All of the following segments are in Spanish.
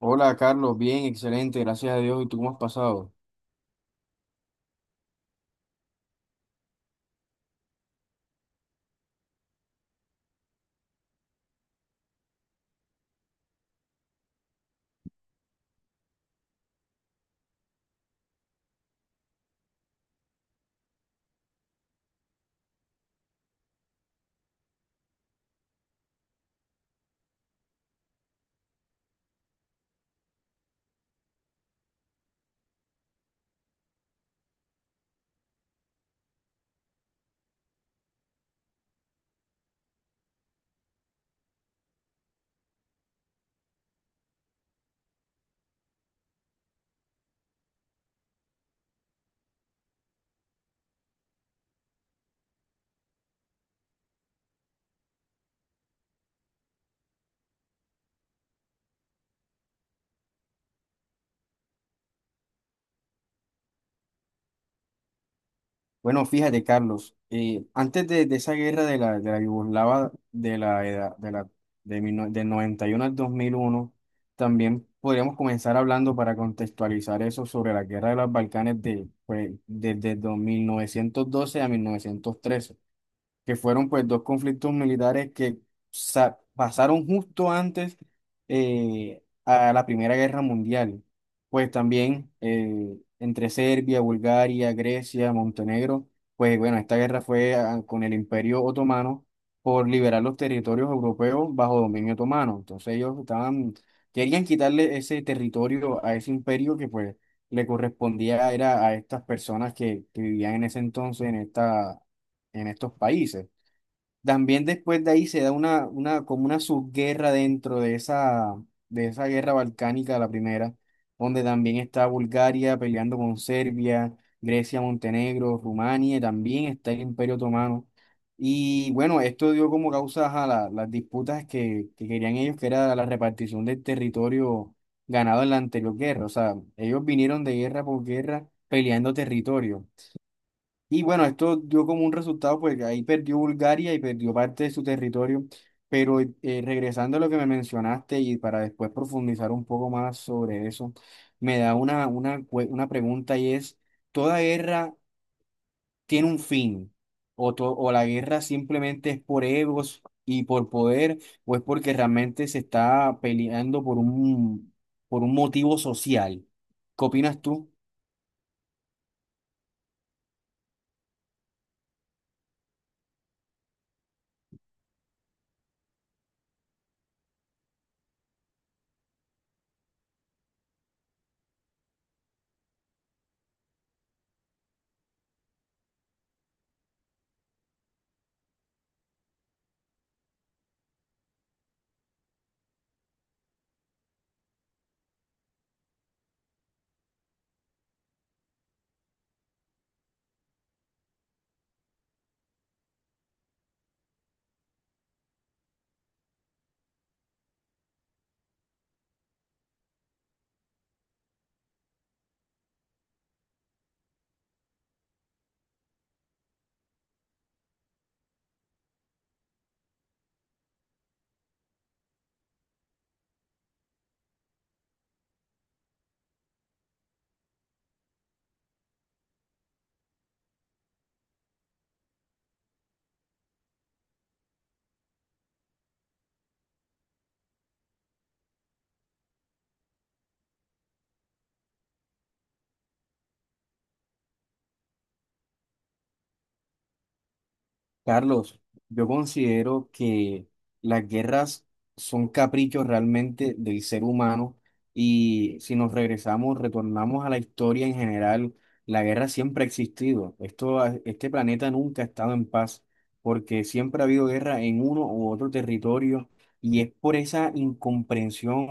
Hola Carlos, bien, excelente, gracias a Dios. ¿Y tú cómo has pasado? Bueno, fíjate Carlos, antes de esa guerra de de la Yugoslava de la edad de de mil no- del 91 al 2001. También podríamos comenzar hablando para contextualizar eso sobre la guerra de los Balcanes de, pues, desde 1912 a 1913, que fueron pues dos conflictos militares que pasaron justo antes a la Primera Guerra Mundial. Pues también entre Serbia, Bulgaria, Grecia, Montenegro, pues bueno, esta guerra fue con el Imperio Otomano por liberar los territorios europeos bajo dominio otomano. Entonces ellos estaban, querían quitarle ese territorio a ese imperio que pues le correspondía era a estas personas que vivían en ese entonces en en estos países. También después de ahí se da como una subguerra dentro de esa guerra balcánica, la primera, donde también está Bulgaria peleando con Serbia, Grecia, Montenegro, Rumania, y también está el Imperio Otomano. Y bueno, esto dio como causa a las disputas que querían ellos, que era la repartición del territorio ganado en la anterior guerra. O sea, ellos vinieron de guerra por guerra peleando territorio. Y bueno, esto dio como un resultado, pues que ahí perdió Bulgaria y perdió parte de su territorio, pero regresando a lo que me mencionaste y para después profundizar un poco más sobre eso, me da una pregunta y es, ¿toda guerra tiene un fin? ¿O, o la guerra simplemente es por egos y por poder, o es porque realmente se está peleando por por un motivo social? ¿Qué opinas tú? Carlos, yo considero que las guerras son caprichos realmente del ser humano y si nos regresamos, retornamos a la historia en general, la guerra siempre ha existido. Esto, este planeta nunca ha estado en paz porque siempre ha habido guerra en uno u otro territorio y es por esa incomprensión,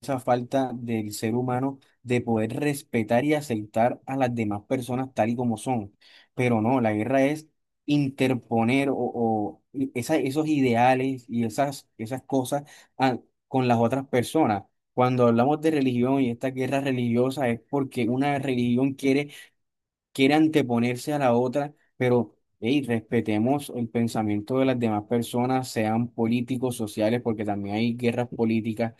esa falta del ser humano de poder respetar y aceptar a las demás personas tal y como son. Pero no, la guerra es interponer esos ideales y esas cosas a- con las otras personas. Cuando hablamos de religión y esta guerra religiosa es porque una religión quiere anteponerse a la otra, pero hey, respetemos el pensamiento de las demás personas, sean políticos, sociales, porque también hay guerras políticas.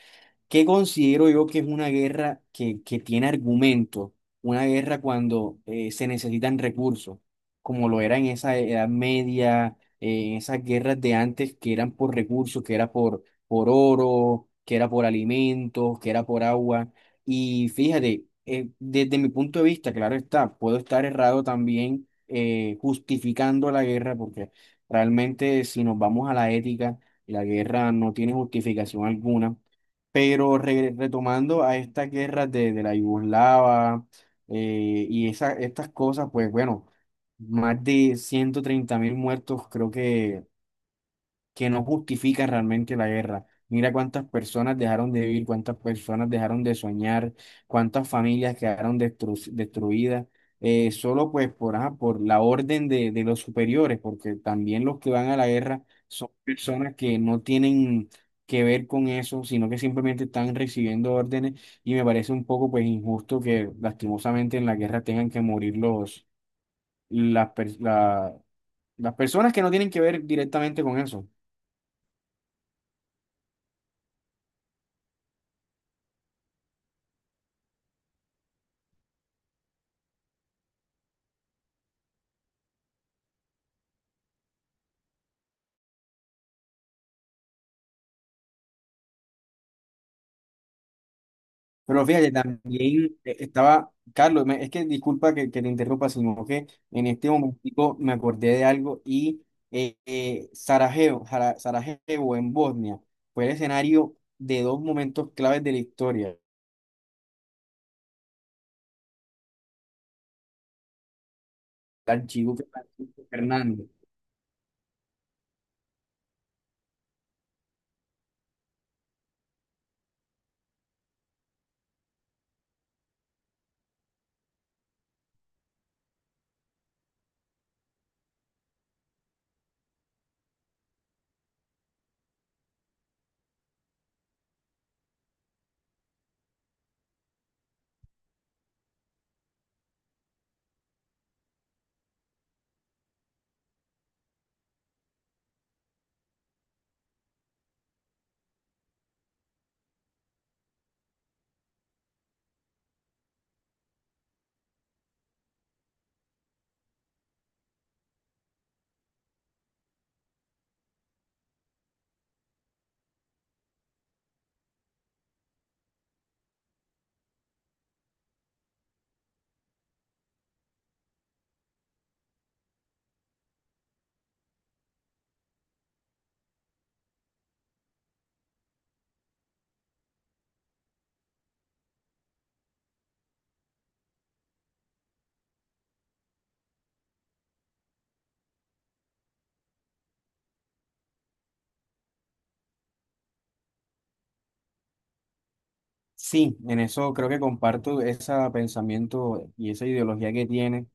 ¿Qué considero yo que es una guerra que tiene argumento? Una guerra cuando se necesitan recursos, como lo era en esa Edad Media, en esas guerras de antes que eran por recursos, que era por oro, que era por alimentos, que era por agua. Y fíjate, desde mi punto de vista, claro está, puedo estar errado también justificando la guerra, porque realmente si nos vamos a la ética, la guerra no tiene justificación alguna, pero retomando a estas guerras de la Yugoslava, y esa, estas cosas, pues bueno, más de 130.000 muertos, creo que no justifica realmente la guerra. Mira cuántas personas dejaron de vivir, cuántas personas dejaron de soñar, cuántas familias quedaron destruidas, solo pues por, ajá, por la orden de los superiores, porque también los que van a la guerra son personas que no tienen que ver con eso, sino que simplemente están recibiendo órdenes, y me parece un poco pues injusto que lastimosamente en la guerra tengan que morir los, las, per- la- las personas que no tienen que ver directamente con eso. Pero fíjate, también estaba, Carlos, es que disculpa que te interrumpa, sino que en este momentico me acordé de algo y Sarajevo, Sarajevo en Bosnia fue el escenario de dos momentos claves de la historia, el archiduque Francisco Fernando. Sí, en eso creo que comparto ese pensamiento y esa ideología que tiene.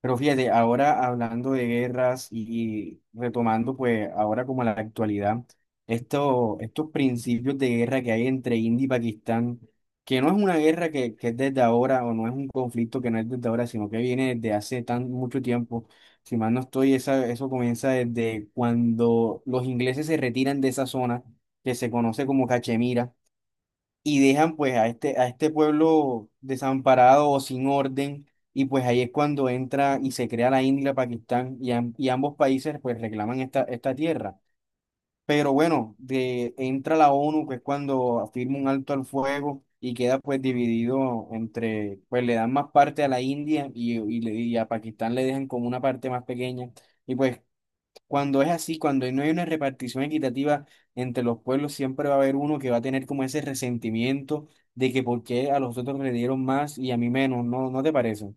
Pero fíjate, ahora hablando de guerras y retomando pues ahora como la actualidad, esto, estos principios de guerra que hay entre India y Pakistán, que no es una guerra que es desde ahora, o no es un conflicto que no es desde ahora, sino que viene desde hace tan mucho tiempo. Si mal no estoy, esa, eso comienza desde cuando los ingleses se retiran de esa zona que se conoce como Cachemira y dejan pues a a este pueblo desamparado o sin orden, y pues ahí es cuando entra y se crea la India y la Pakistán, y, y ambos países pues reclaman esta tierra. Pero bueno, de, entra la ONU, que es cuando firma un alto al fuego y queda pues dividido entre, pues le dan más parte a la India, y a Pakistán le dejan como una parte más pequeña. Y pues cuando es así, cuando no hay una repartición equitativa entre los pueblos, siempre va a haber uno que va a tener como ese resentimiento de que por qué a los otros le dieron más y a mí menos, ¿no? ¿No te parece?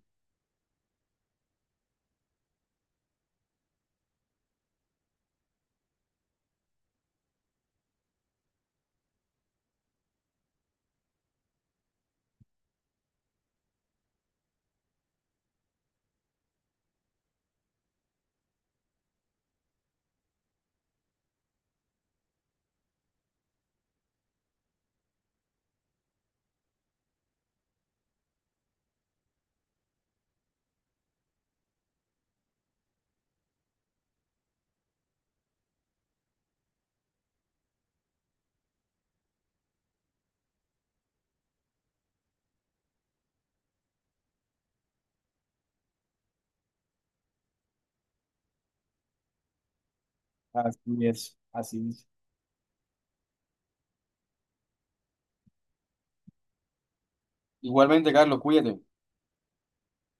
Así es, así es. Igualmente, Carlos, cuídate.